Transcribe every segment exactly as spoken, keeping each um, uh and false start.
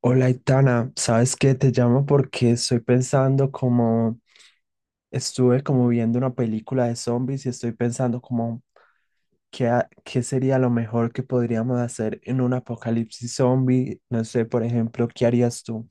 Hola, Itana, ¿sabes qué? Te llamo porque estoy pensando como, estuve como viendo una película de zombies y estoy pensando como, ¿qué, ha- qué sería lo mejor que podríamos hacer en un apocalipsis zombie? No sé, por ejemplo, ¿qué harías tú?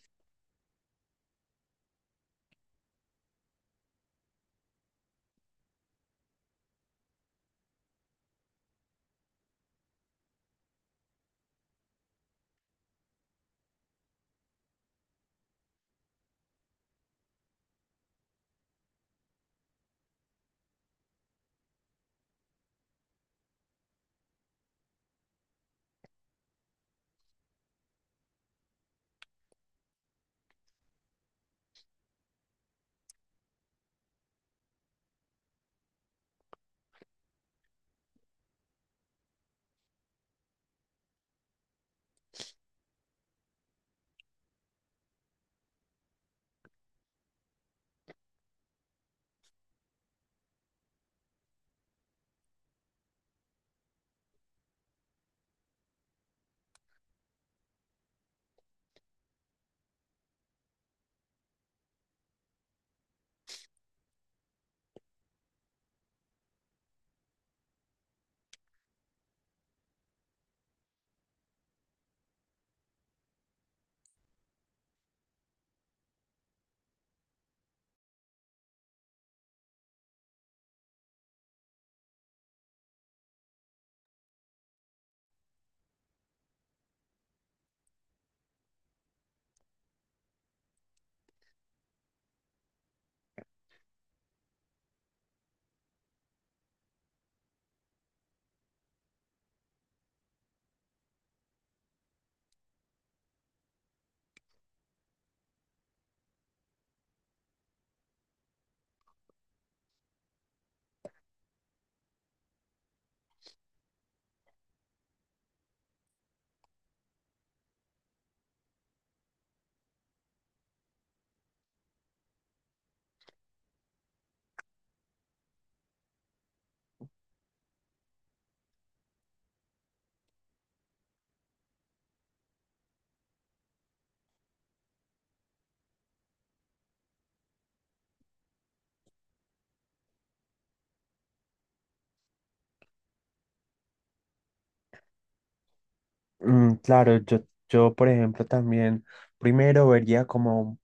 Mm, claro, yo, yo, por ejemplo, también primero vería como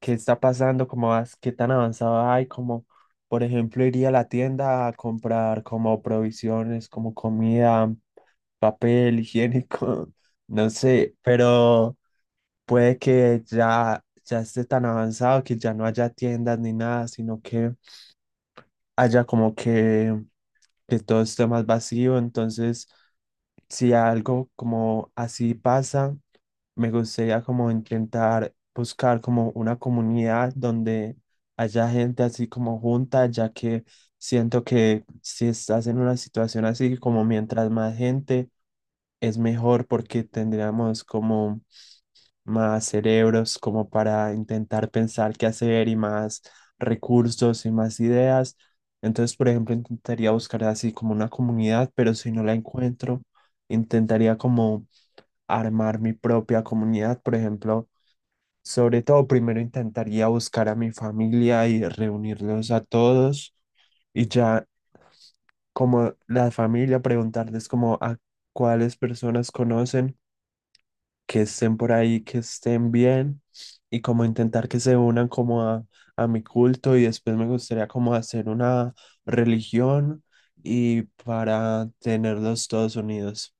qué está pasando, cómo vas, qué tan avanzado hay, como por ejemplo iría a la tienda a comprar como provisiones, como comida, papel higiénico, no sé, pero puede que ya ya esté tan avanzado que ya no haya tiendas ni nada, sino que haya como que que todo está más vacío. Entonces, si algo como así pasa, me gustaría como intentar buscar como una comunidad donde haya gente así como junta, ya que siento que si estás en una situación así, como mientras más gente, es mejor porque tendríamos como más cerebros como para intentar pensar qué hacer y más recursos y más ideas. Entonces, por ejemplo, intentaría buscar así como una comunidad, pero si no la encuentro, intentaría como armar mi propia comunidad, por ejemplo. Sobre todo, primero intentaría buscar a mi familia y reunirlos a todos y ya como la familia preguntarles como a cuáles personas conocen que estén por ahí, que estén bien y como intentar que se unan como a, a mi culto y después me gustaría como hacer una religión y para tenerlos todos unidos.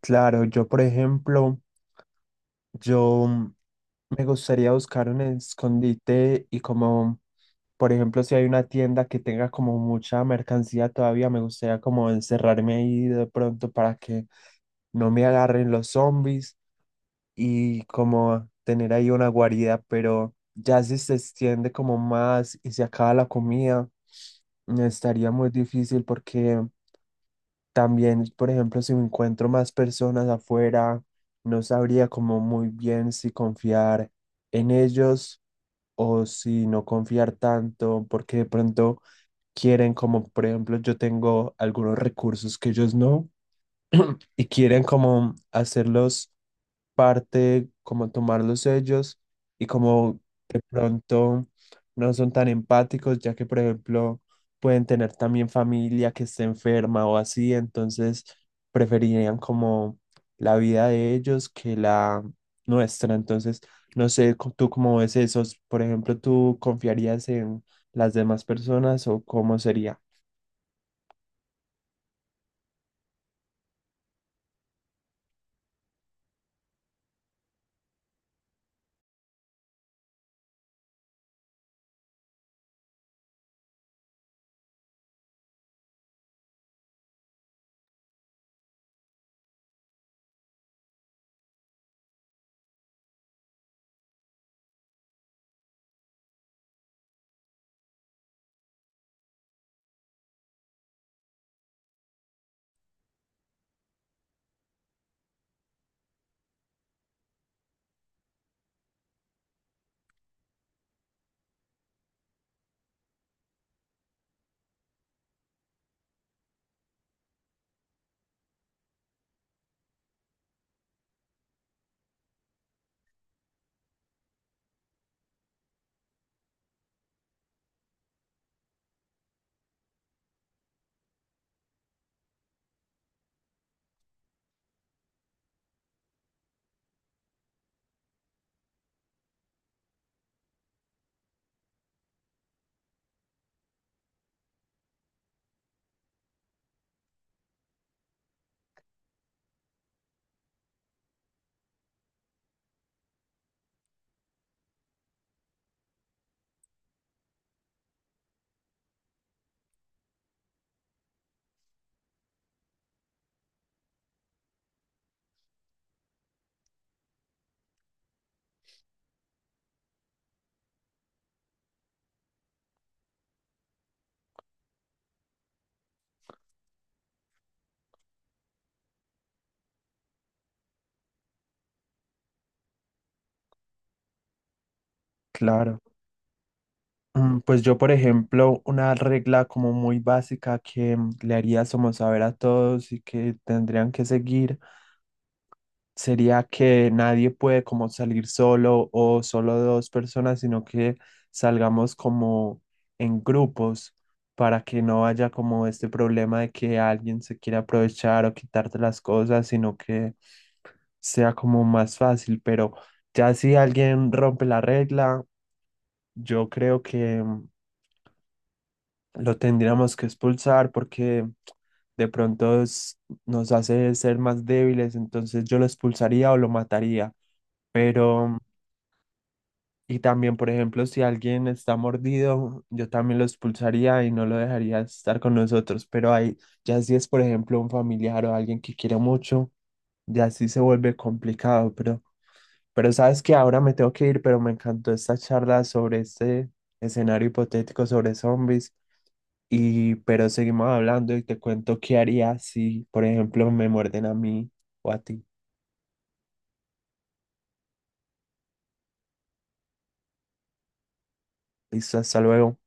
Claro, yo por ejemplo, yo me gustaría buscar un escondite y como, por ejemplo, si hay una tienda que tenga como mucha mercancía todavía, me gustaría como encerrarme ahí de pronto para que no me agarren los zombies y como tener ahí una guarida, pero ya si se extiende como más y se acaba la comida, mm, estaría muy difícil porque también, por ejemplo, si me encuentro más personas afuera, no sabría como muy bien si confiar en ellos o si no confiar tanto, porque de pronto quieren como, por ejemplo, yo tengo algunos recursos que ellos no y quieren como hacerlos parte, como tomarlos ellos y como de pronto no son tan empáticos, ya que por ejemplo pueden tener también familia que esté enferma o así, entonces preferirían como la vida de ellos que la nuestra. Entonces, no sé, co- tú cómo ves eso, por ejemplo, ¿tú confiarías en las demás personas o cómo sería? Claro. Mm, pues yo, por ejemplo, una regla como muy básica que mm, le haría como saber a todos y que tendrían que seguir sería que nadie puede como salir solo o solo dos personas, sino que salgamos como en grupos para que no haya como este problema de que alguien se quiera aprovechar o quitarte las cosas, sino que sea como más fácil. Pero ya si alguien rompe la regla, yo creo que... mm, lo tendríamos que expulsar porque de pronto es- nos hace ser más débiles, entonces yo lo expulsaría o lo mataría. Pero, y también, por ejemplo, si alguien está mordido, yo también lo expulsaría y no lo dejaría estar con nosotros. Pero ahí, ya si es, por ejemplo, un familiar o alguien que quiere mucho, ya sí se vuelve complicado. Pero, pero sabes que ahora me tengo que ir, pero me encantó esta charla sobre este escenario hipotético sobre zombies. Y, pero seguimos hablando y te cuento qué haría si, por ejemplo, me muerden a mí o a ti. Listo, hasta luego.